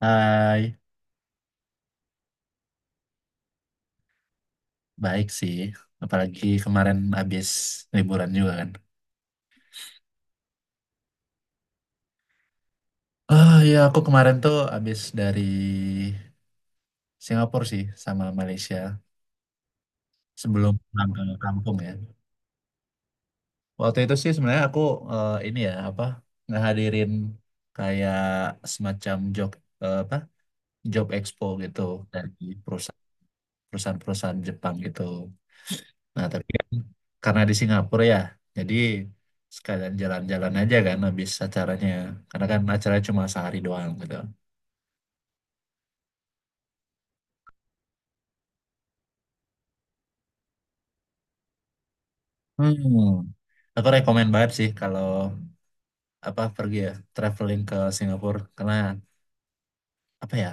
Hai, baik sih. Apalagi kemarin habis liburan juga kan. Ah ya, aku kemarin tuh habis dari Singapura sih sama Malaysia sebelum pulang ke kampung ya. Waktu itu sih sebenarnya aku ini ya apa ngehadirin kayak semacam job apa job expo gitu dari perusahaan perusahaan-perusahaan Jepang gitu. Nah, tapi kan karena di Singapura ya, jadi sekalian jalan-jalan aja kan habis acaranya. Karena kan acaranya cuma sehari doang gitu. Hmm. Aku rekomen banget sih kalau apa pergi ya, traveling ke Singapura. Karena apa ya,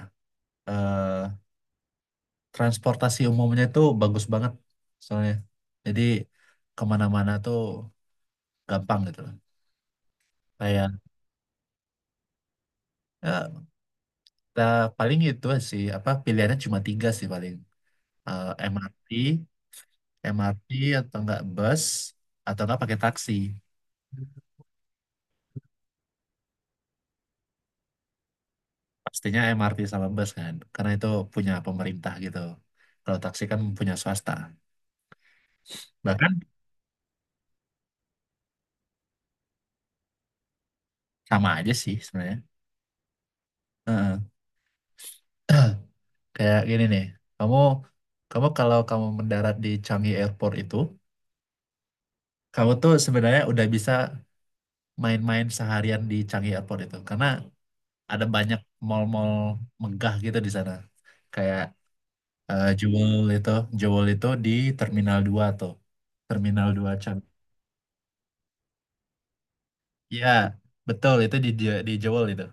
eh, transportasi umumnya itu bagus banget soalnya. Jadi kemana-mana tuh gampang gitu loh. Kayak ya, kita paling itu sih, apa pilihannya cuma tiga sih paling. Eh, MRT, MRT atau enggak bus atau enggak pakai taksi. Pastinya MRT sama bus kan, karena itu punya pemerintah gitu. Kalau taksi kan punya swasta. Bahkan sama aja sih sebenarnya. Heeh. Kayak gini nih, kamu kamu kalau kamu mendarat di Changi Airport itu, kamu tuh sebenarnya udah bisa main-main seharian di Changi Airport itu, karena ada banyak mall-mall megah gitu di sana. Kayak eh, Jewel itu, Jewel itu di Terminal 2 tuh. Terminal 2. Ya, betul itu di Jewel itu.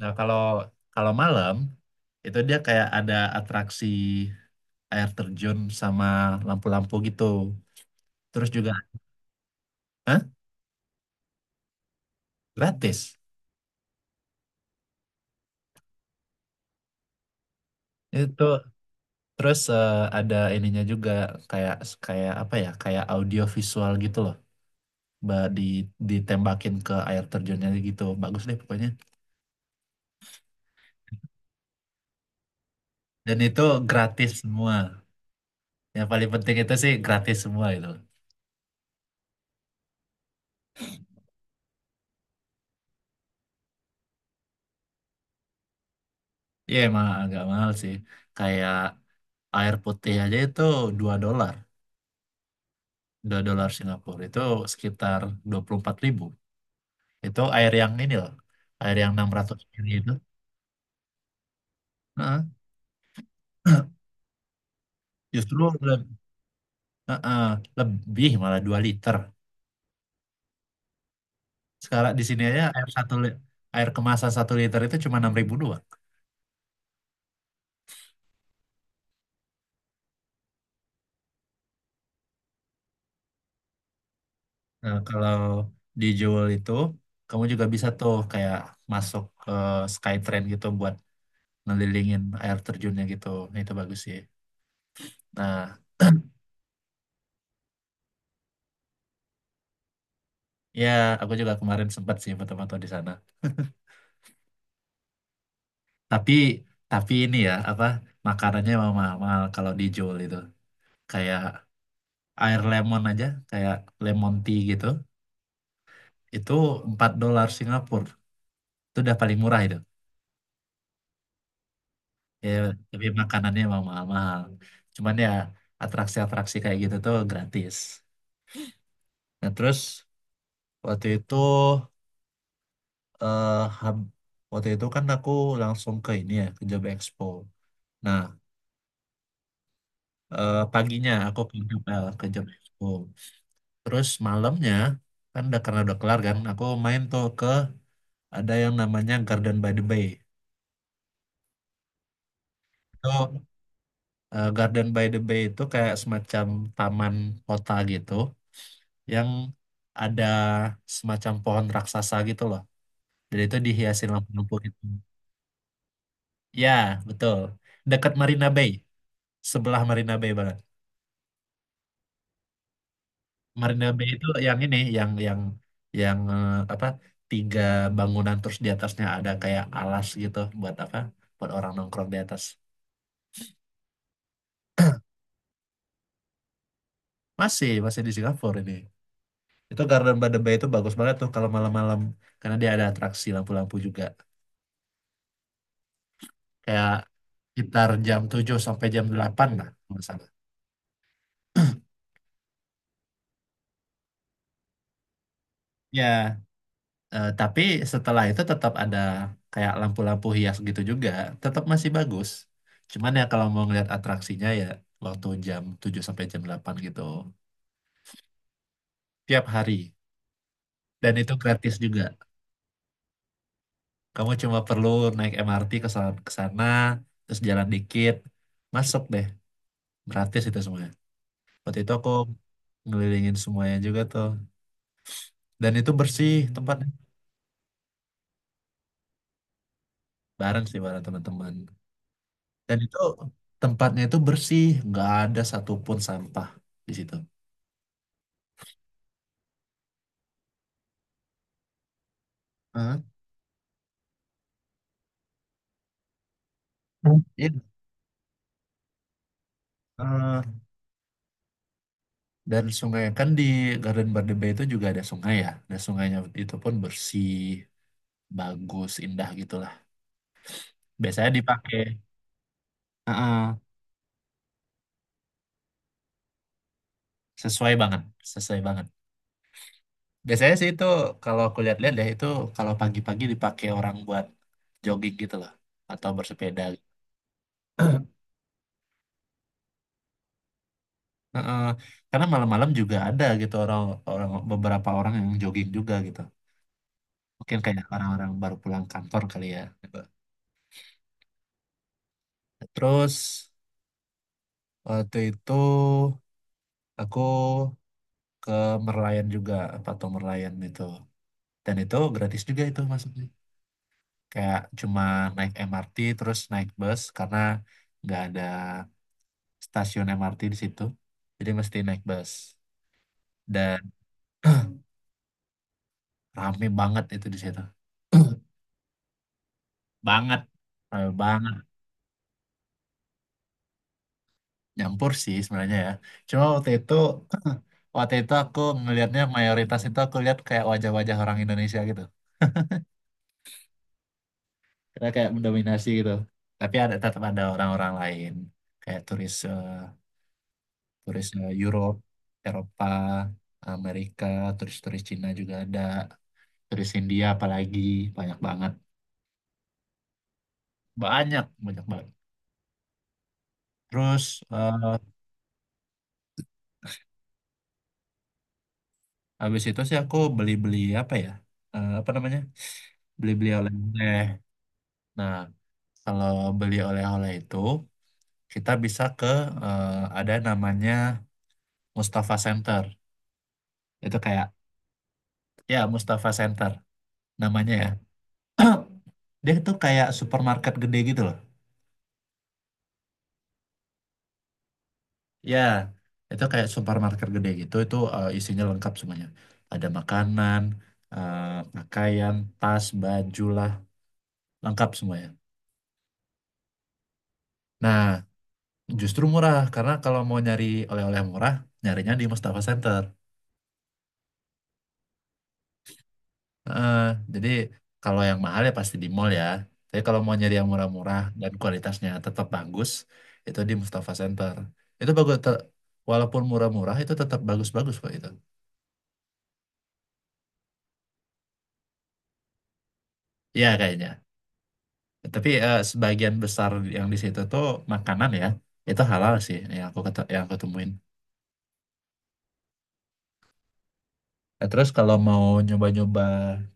Nah, kalau kalau malam itu dia kayak ada atraksi air terjun sama lampu-lampu gitu. Terus juga, Hah? Gratis. Itu terus ada ininya juga kayak kayak apa ya? Kayak audio visual gitu loh. Ba- Di ditembakin ke air terjunnya gitu. Bagus deh pokoknya. Dan itu gratis semua. Yang paling penting itu sih gratis semua itu. Iya, emang agak mahal sih. Kayak air putih aja itu 2 dolar 2 dolar Singapura itu sekitar 24.000. Itu air yang ini loh, air yang 600 mili itu. Heeh. Justru le- heeh, lebih malah 2 liter. Sekarang di sini aja air kemasan 1 liter itu cuma 6.000 doang. Nah, kalau dijual itu kamu juga bisa tuh kayak masuk ke Skytrain gitu buat ngelilingin air terjunnya gitu. Nah, itu bagus sih nah. Ya, aku juga kemarin sempat sih foto-foto di sana. Tapi tapi ini ya apa makanannya emang mahal-mahal kalau dijual itu. Kayak air lemon aja, kayak lemon tea gitu, itu 4 dolar Singapura. Itu udah paling murah itu. Ya, tapi makanannya emang mahal-mahal. Cuman ya atraksi-atraksi kayak gitu tuh gratis. Nah, terus waktu itu eh hab- waktu itu kan aku langsung ke ini ya, ke Job Expo. Nah, paginya aku ke Job Expo. Terus malamnya kan udah karena udah kelar kan, aku main tuh ke ada yang namanya Garden by the Bay. Itu Garden by the Bay itu kayak semacam taman kota gitu yang ada semacam pohon raksasa gitu loh. Jadi itu dihiasi lampu-lampu gitu. Ya, betul. Dekat Marina Bay, sebelah Marina Bay banget. Marina Bay itu yang ini, yang apa? Tiga bangunan terus di atasnya ada kayak alas gitu buat apa? Buat orang nongkrong di atas. Masih, masih di Singapura ini. Itu Garden by the Bay itu bagus banget tuh kalau malam-malam. Karena dia ada atraksi lampu-lampu juga. Kayak sekitar jam 7 sampai jam 8 lah, kalau nggak salah. Ya, tapi setelah itu tetap ada kayak lampu-lampu hias gitu juga. Tetap masih bagus. Cuman ya kalau mau ngeliat atraksinya ya waktu jam 7 sampai jam 8 gitu. Tiap hari. Dan itu gratis juga. Kamu cuma perlu naik MRT ke sana, terus jalan dikit, masuk deh. Gratis itu semua. Waktu itu aku ngelilingin semuanya juga tuh. Dan itu bersih tempatnya. Bareng sih bareng teman-teman. Dan itu tempatnya itu bersih. Nggak ada satupun sampah di situ. Hah? Iya. Eh, dan sungai kan di Garden by the Bay itu juga ada sungai ya. Nah sungainya itu pun bersih, bagus, indah gitulah. Biasanya dipakai. Heeh, sesuai banget, sesuai banget. Biasanya sih itu kalau aku lihat-lihat ya itu kalau pagi-pagi dipakai orang buat jogging gitu loh atau bersepeda. Heeh, karena malam-malam juga ada gitu orang orang beberapa orang yang jogging juga gitu. Mungkin kayak orang-orang baru pulang kantor kali ya, gitu. Terus waktu itu aku ke Merlion juga Patung Merlion itu. Dan itu gratis juga itu maksudnya. Kayak cuma naik MRT terus naik bus karena nggak ada stasiun MRT di situ. Jadi mesti naik bus. Dan rame banget itu di situ. Banget. Rame banget. Nyampur sih sebenarnya ya. Cuma waktu itu aku ngelihatnya mayoritas itu aku lihat kayak wajah-wajah orang Indonesia gitu. Karena kayak mendominasi gitu. Tapi tetap ada orang-orang lain kayak turis turis eh, Europe, Eropa, Amerika, turis-turis Cina juga ada, turis India apalagi banyak banget. Banyak, banyak banget. Terus eh, habis itu sih aku beli-beli apa ya? Apa namanya? Beli-beli oleh-oleh. Nah, kalau beli oleh-oleh itu kita bisa ke ada namanya Mustafa Center. Itu kayak ya Mustafa Center namanya ya. Dia itu kayak supermarket gede gitu loh. Ya, itu kayak supermarket gede gitu. Itu isinya lengkap semuanya. Ada makanan, eh, pakaian, tas, baju lah, lengkap semuanya. Nah, justru murah karena kalau mau nyari oleh-oleh murah, nyarinya di Mustafa Center. Heeh, jadi kalau yang mahal ya pasti di mall ya. Tapi kalau mau nyari yang murah-murah dan kualitasnya tetap bagus, itu di Mustafa Center. Itu bagus, walaupun murah-murah itu tetap bagus-bagus kok itu. Iya kayaknya. Tapi sebagian besar yang di situ tuh makanan ya, itu halal sih yang aku temuin. Nah, terus kalau mau nyoba-nyoba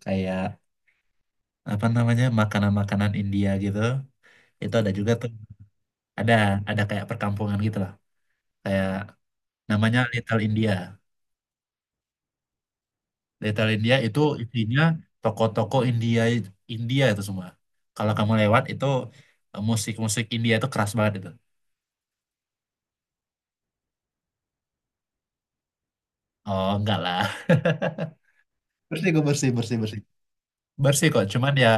kayak apa namanya makanan-makanan India gitu, itu ada juga tuh. Ada ada kayak perkampungan gitu lah, kayak namanya Little India. Little India itu isinya toko-toko India India itu semua. Kalau kamu lewat itu musik-musik India itu keras banget itu. Oh enggak lah. Bersih kok bersih bersih bersih. Bersih kok, cuman ya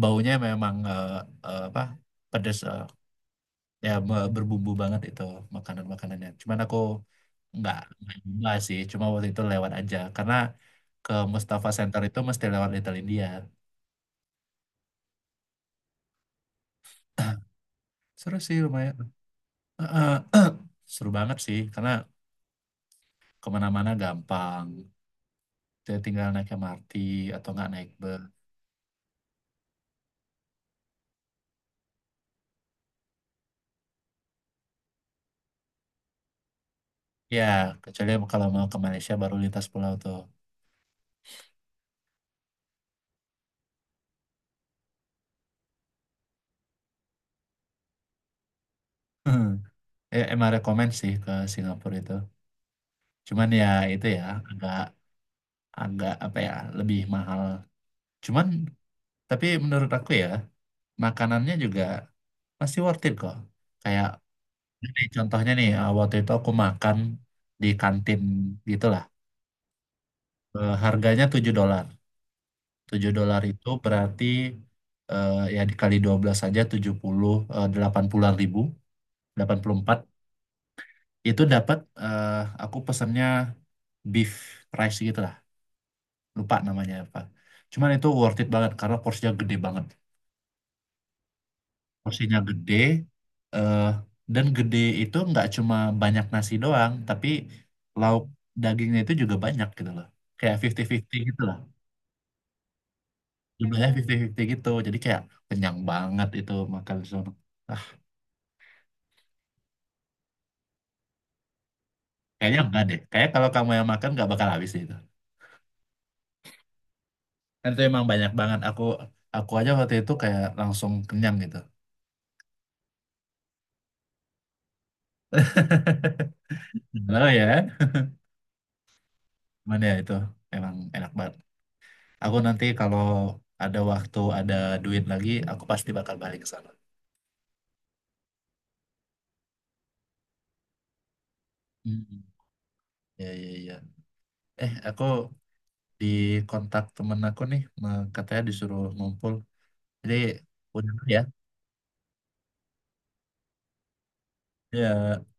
baunya memang apa pedes ya berbumbu banget itu makanan-makanannya. Cuman aku enggak nyoba sih, cuma waktu itu lewat aja karena ke Mustafa Center itu mesti lewat Little India. Seru sih lumayan. Eh, eh, Seru banget sih karena kemana-mana gampang. Jadi tinggal naik MRT atau nggak naik bus. Ya, kecuali kalau mau ke Malaysia baru lintas pulau tuh. Ya, emang rekomen sih ke Singapura itu. Cuman ya itu ya agak agak apa ya lebih mahal. Cuman tapi menurut aku ya makanannya juga masih worth it kok. Kayak ini contohnya nih waktu itu aku makan di kantin gitulah. Harganya 7 dolar. 7 dolar itu berarti ya dikali 12 saja 80.000 84 itu dapat eh, aku pesennya beef rice gitu lah lupa namanya apa cuman itu worth it banget karena porsinya gede banget. Porsinya gede eh, dan gede itu nggak cuma banyak nasi doang tapi lauk dagingnya itu juga banyak gitu loh kayak 50-50 gitu lah. Jumlahnya 50-50 gitu jadi kayak kenyang banget itu makan di sana. Kayaknya enggak deh. Kayak kalau kamu yang makan nggak bakal habis deh itu. Dan itu emang banyak banget. Aku aja waktu itu kayak langsung kenyang gitu. Halo ya, mana ya itu emang enak banget. Aku nanti kalau ada waktu, ada duit lagi, aku pasti bakal balik ke sana. Hmm. Ya, ya, ya. Aku di kontak temen aku nih, katanya disuruh ngumpul. Jadi, udah dulu ya. Ya.